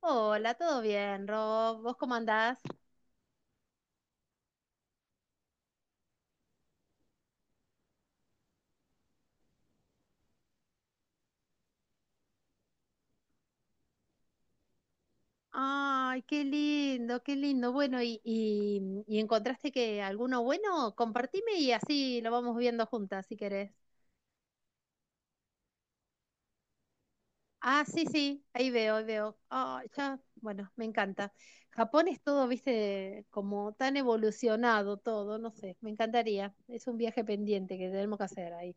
Hola, ¿todo bien, Rob? ¿Vos cómo andás? Ay, qué lindo, qué lindo. Bueno, ¿y encontraste que alguno bueno? Compartime y así lo vamos viendo juntas, si querés. Ah, sí, sí, ahí veo, ahí veo. Ah, ya, bueno, me encanta. Japón es todo, viste, como tan evolucionado todo, no sé, me encantaría. Es un viaje pendiente que tenemos que hacer ahí.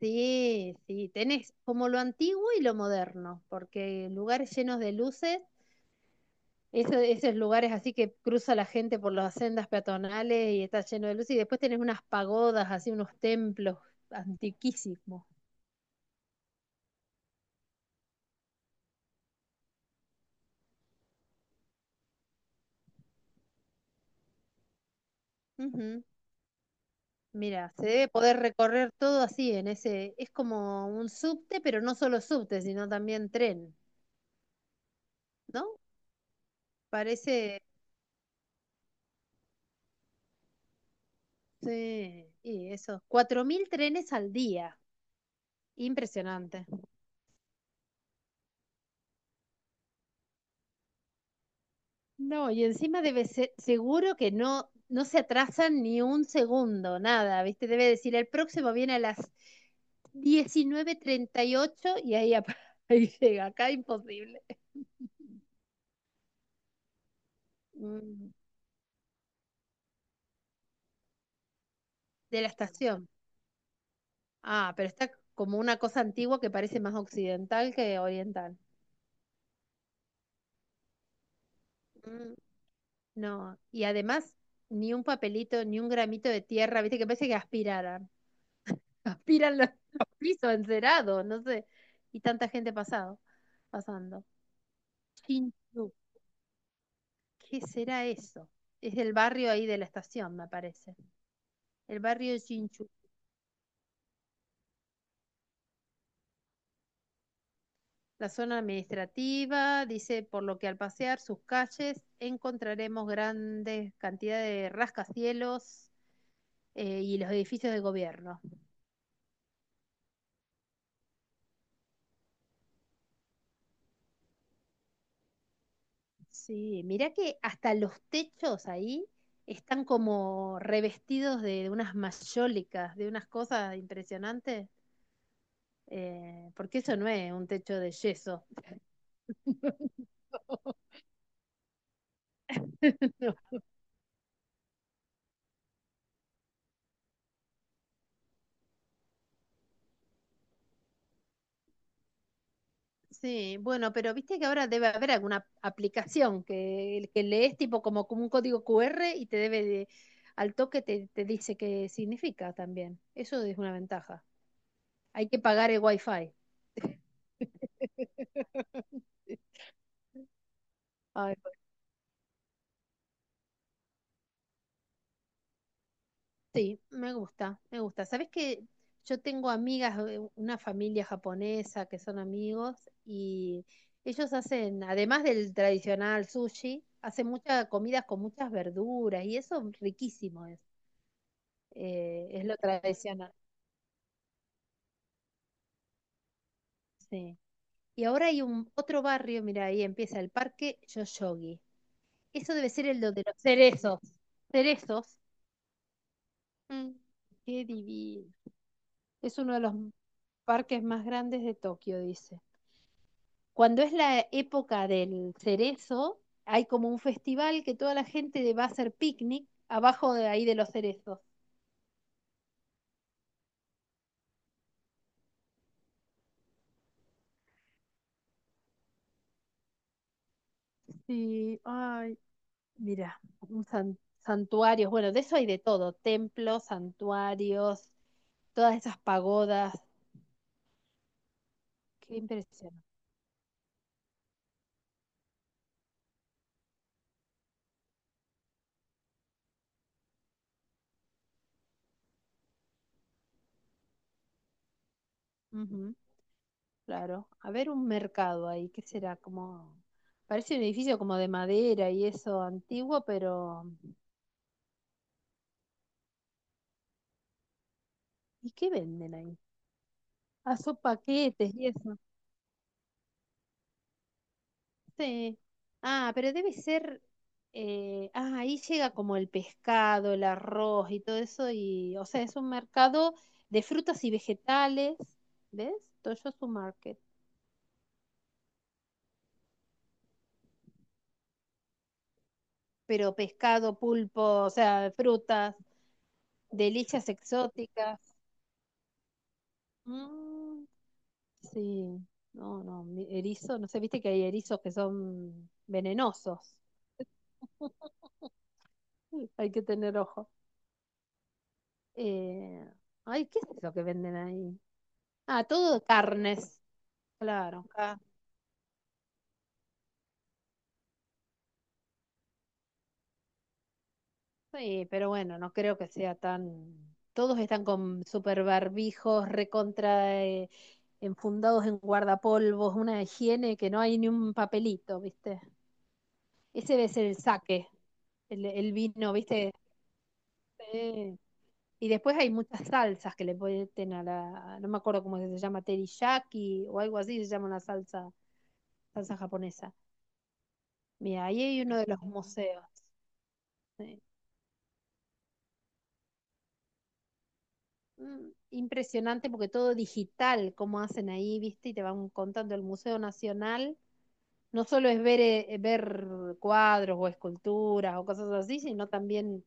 Sí, sí, tenés como lo antiguo y lo moderno, porque lugares llenos de luces. Esos lugares así que cruza la gente por las sendas peatonales y está lleno de luz. Y después tenés unas pagodas, así unos templos antiquísimos. Ujú. Mira, se debe poder recorrer todo así en ese. Es como un subte, pero no solo subte, sino también tren, ¿no? Parece. Sí, y eso. 4000 trenes al día. Impresionante. No, y encima debe ser, seguro que no, no se atrasan ni un segundo, nada, ¿viste? Debe decir, el próximo viene a las 19:38 y ocho y ahí, ahí llega, acá imposible. Mm. De la estación. Ah, pero está como una cosa antigua que parece más occidental que oriental. Mm. No, y además ni un papelito, ni un gramito de tierra, ¿viste? Que parece que aspiraran. Aspiran los pisos encerados, no sé. Y tanta gente pasando. Chinchú, ¿qué será eso? Es del barrio ahí de la estación, me parece. El barrio Chinchú, la zona administrativa, dice, por lo que al pasear sus calles encontraremos grandes cantidades de rascacielos y los edificios de gobierno. Sí, mirá que hasta los techos ahí están como revestidos de unas mayólicas, de unas cosas impresionantes. Porque eso no es un techo de yeso. No. Sí, bueno, pero viste que ahora debe haber alguna aplicación que lees tipo como un código QR y te debe al toque te dice qué significa también. Eso es una ventaja. Hay que pagar el wifi. Ay, pues, sí, me gusta, me gusta. Sabes que yo tengo amigas, una familia japonesa que son amigos y ellos hacen, además del tradicional sushi, hacen muchas comidas con muchas verduras y eso riquísimo es. Es lo tradicional. Sí. Y ahora hay un otro barrio, mira, ahí empieza el parque Yoyogi. Eso debe ser el de los cerezos. Cerezos. Mm. Qué divino. Es uno de los parques más grandes de Tokio, dice. Cuando es la época del cerezo, hay como un festival que toda la gente va a hacer picnic abajo de ahí de los cerezos. Sí, ay. Mira, un santuarios, bueno, de eso hay de todo, templos, santuarios, todas esas pagodas, qué impresión. Ujú, claro, a ver un mercado ahí, ¿qué será? Como, parece un edificio como de madera y eso antiguo, pero ¿y qué venden ahí? Ah, son paquetes y eso. Sí. Ah, pero debe ser. Ahí llega como el pescado, el arroz y todo eso. Y, o sea, es un mercado de frutas y vegetales. ¿Ves? Toyosu Market. Pero pescado, pulpo, o sea, frutas, delicias exóticas. Mm, sí. No, no. Erizo, no sé, viste que hay erizos que son venenosos. Hay que tener ojo. Eh, Ay, ¿qué es eso que venden ahí? Ah, todo carnes, claro. Acá. Sí, pero bueno, no creo que sea tan... Todos están con super barbijos, recontra, enfundados en guardapolvos, una higiene que no hay ni un papelito, ¿viste? Ese debe ser el saque, el vino, ¿viste? Sí. Y después hay muchas salsas que le ponen a la... No me acuerdo cómo se llama, teriyaki o algo así, se llama una salsa, salsa japonesa. Mira, ahí hay uno de los museos. Sí. Mm. Impresionante porque todo digital, como hacen ahí, ¿viste? Y te van contando el Museo Nacional. No solo es ver cuadros o esculturas o cosas así, sino también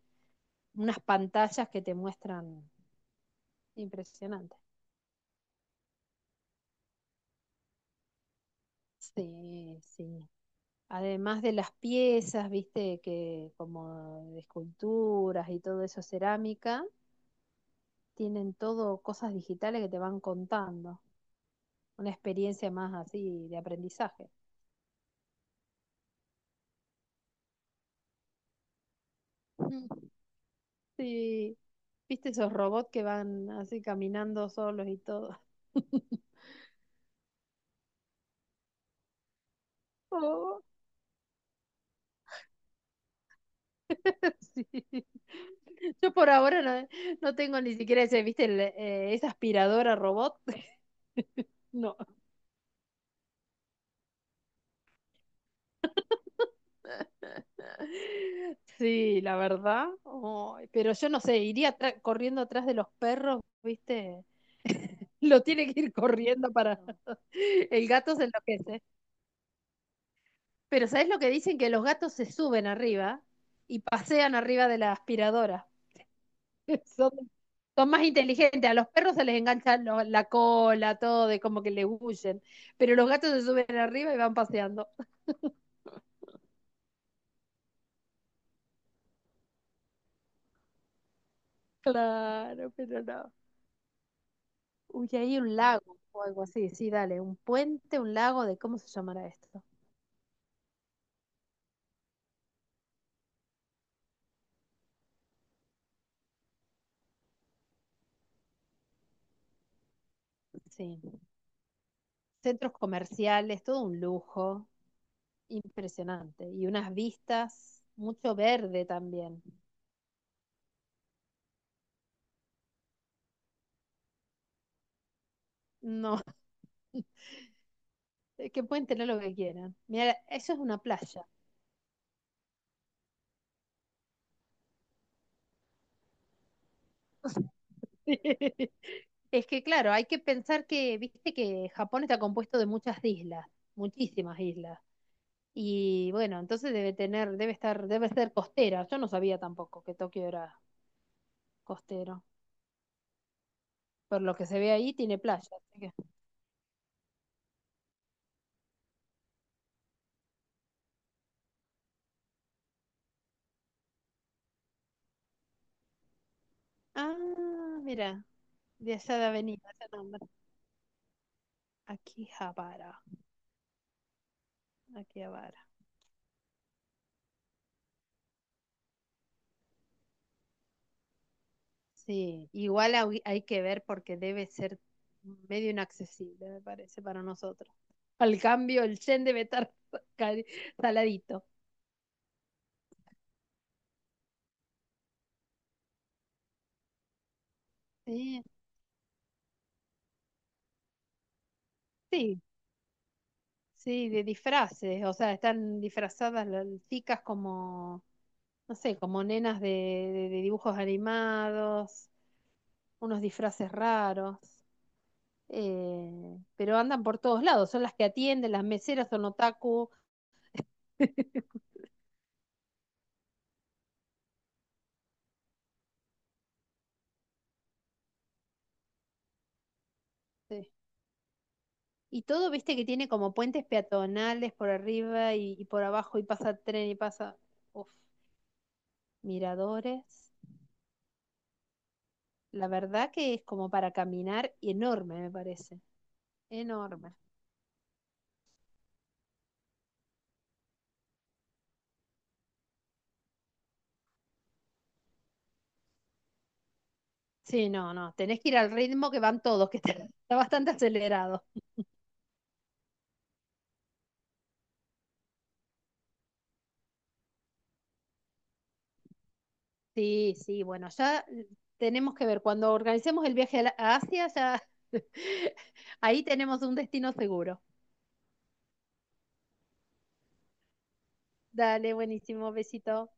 unas pantallas que te muestran. Impresionante. Sí, sí. Además de las piezas, ¿viste? Que como de esculturas y todo eso, cerámica, tienen todo cosas digitales que te van contando. Una experiencia más así de aprendizaje. Mm. Sí, viste esos robots que van así caminando solos y todo. Oh, sí. Yo por ahora no, no tengo ni siquiera ese, viste, esa aspiradora robot. No. Sí, la verdad. Ay, pero yo no sé, iría corriendo atrás de los perros, viste. Lo tiene que ir corriendo para... El gato se enloquece. Pero ¿sabes lo que dicen? Que los gatos se suben arriba y pasean arriba de la aspiradora. Son, son más inteligentes. A los perros se les engancha la cola, todo, de como que le huyen. Pero los gatos se suben arriba y van paseando. Claro, pero no. Uy, hay un lago o algo así. Sí, dale, un puente, un lago, de cómo se llamará esto. Sí. Centros comerciales, todo un lujo. Impresionante. Y unas vistas, mucho verde también. No, que pueden tener lo que quieran. Mira, eso es una playa. Es que claro, hay que pensar que, viste que Japón está compuesto de muchas islas, muchísimas islas. Y bueno, entonces debe tener, debe estar, debe ser costera. Yo no sabía tampoco que Tokio era costero. Por lo que se ve ahí, tiene playa. Ah, mira, de allá de Avenida, ese nombre. Akihabara, Akihabara. Sí, igual hay que ver porque debe ser medio inaccesible, me parece, para nosotros. Al cambio, el yen debe estar cari- saladito. Sí, sí, sí, de disfraces. O sea, están disfrazadas las chicas como, no sé, como nenas de dibujos animados, unos disfraces raros. eh, pero andan por todos lados. Son las que atienden, las meseras son otaku. Sí. Y todo, viste, que tiene como puentes peatonales por arriba y por abajo y pasa tren y pasa, uf, miradores. La verdad que es como para caminar y enorme, me parece. Enorme. Sí, no, no, tenés que ir al ritmo que van todos, que está bastante acelerado. Sí, sí, bueno, ya tenemos que ver, cuando organicemos el viaje a Asia, ya ahí tenemos un destino seguro. Dale, buenísimo, besito.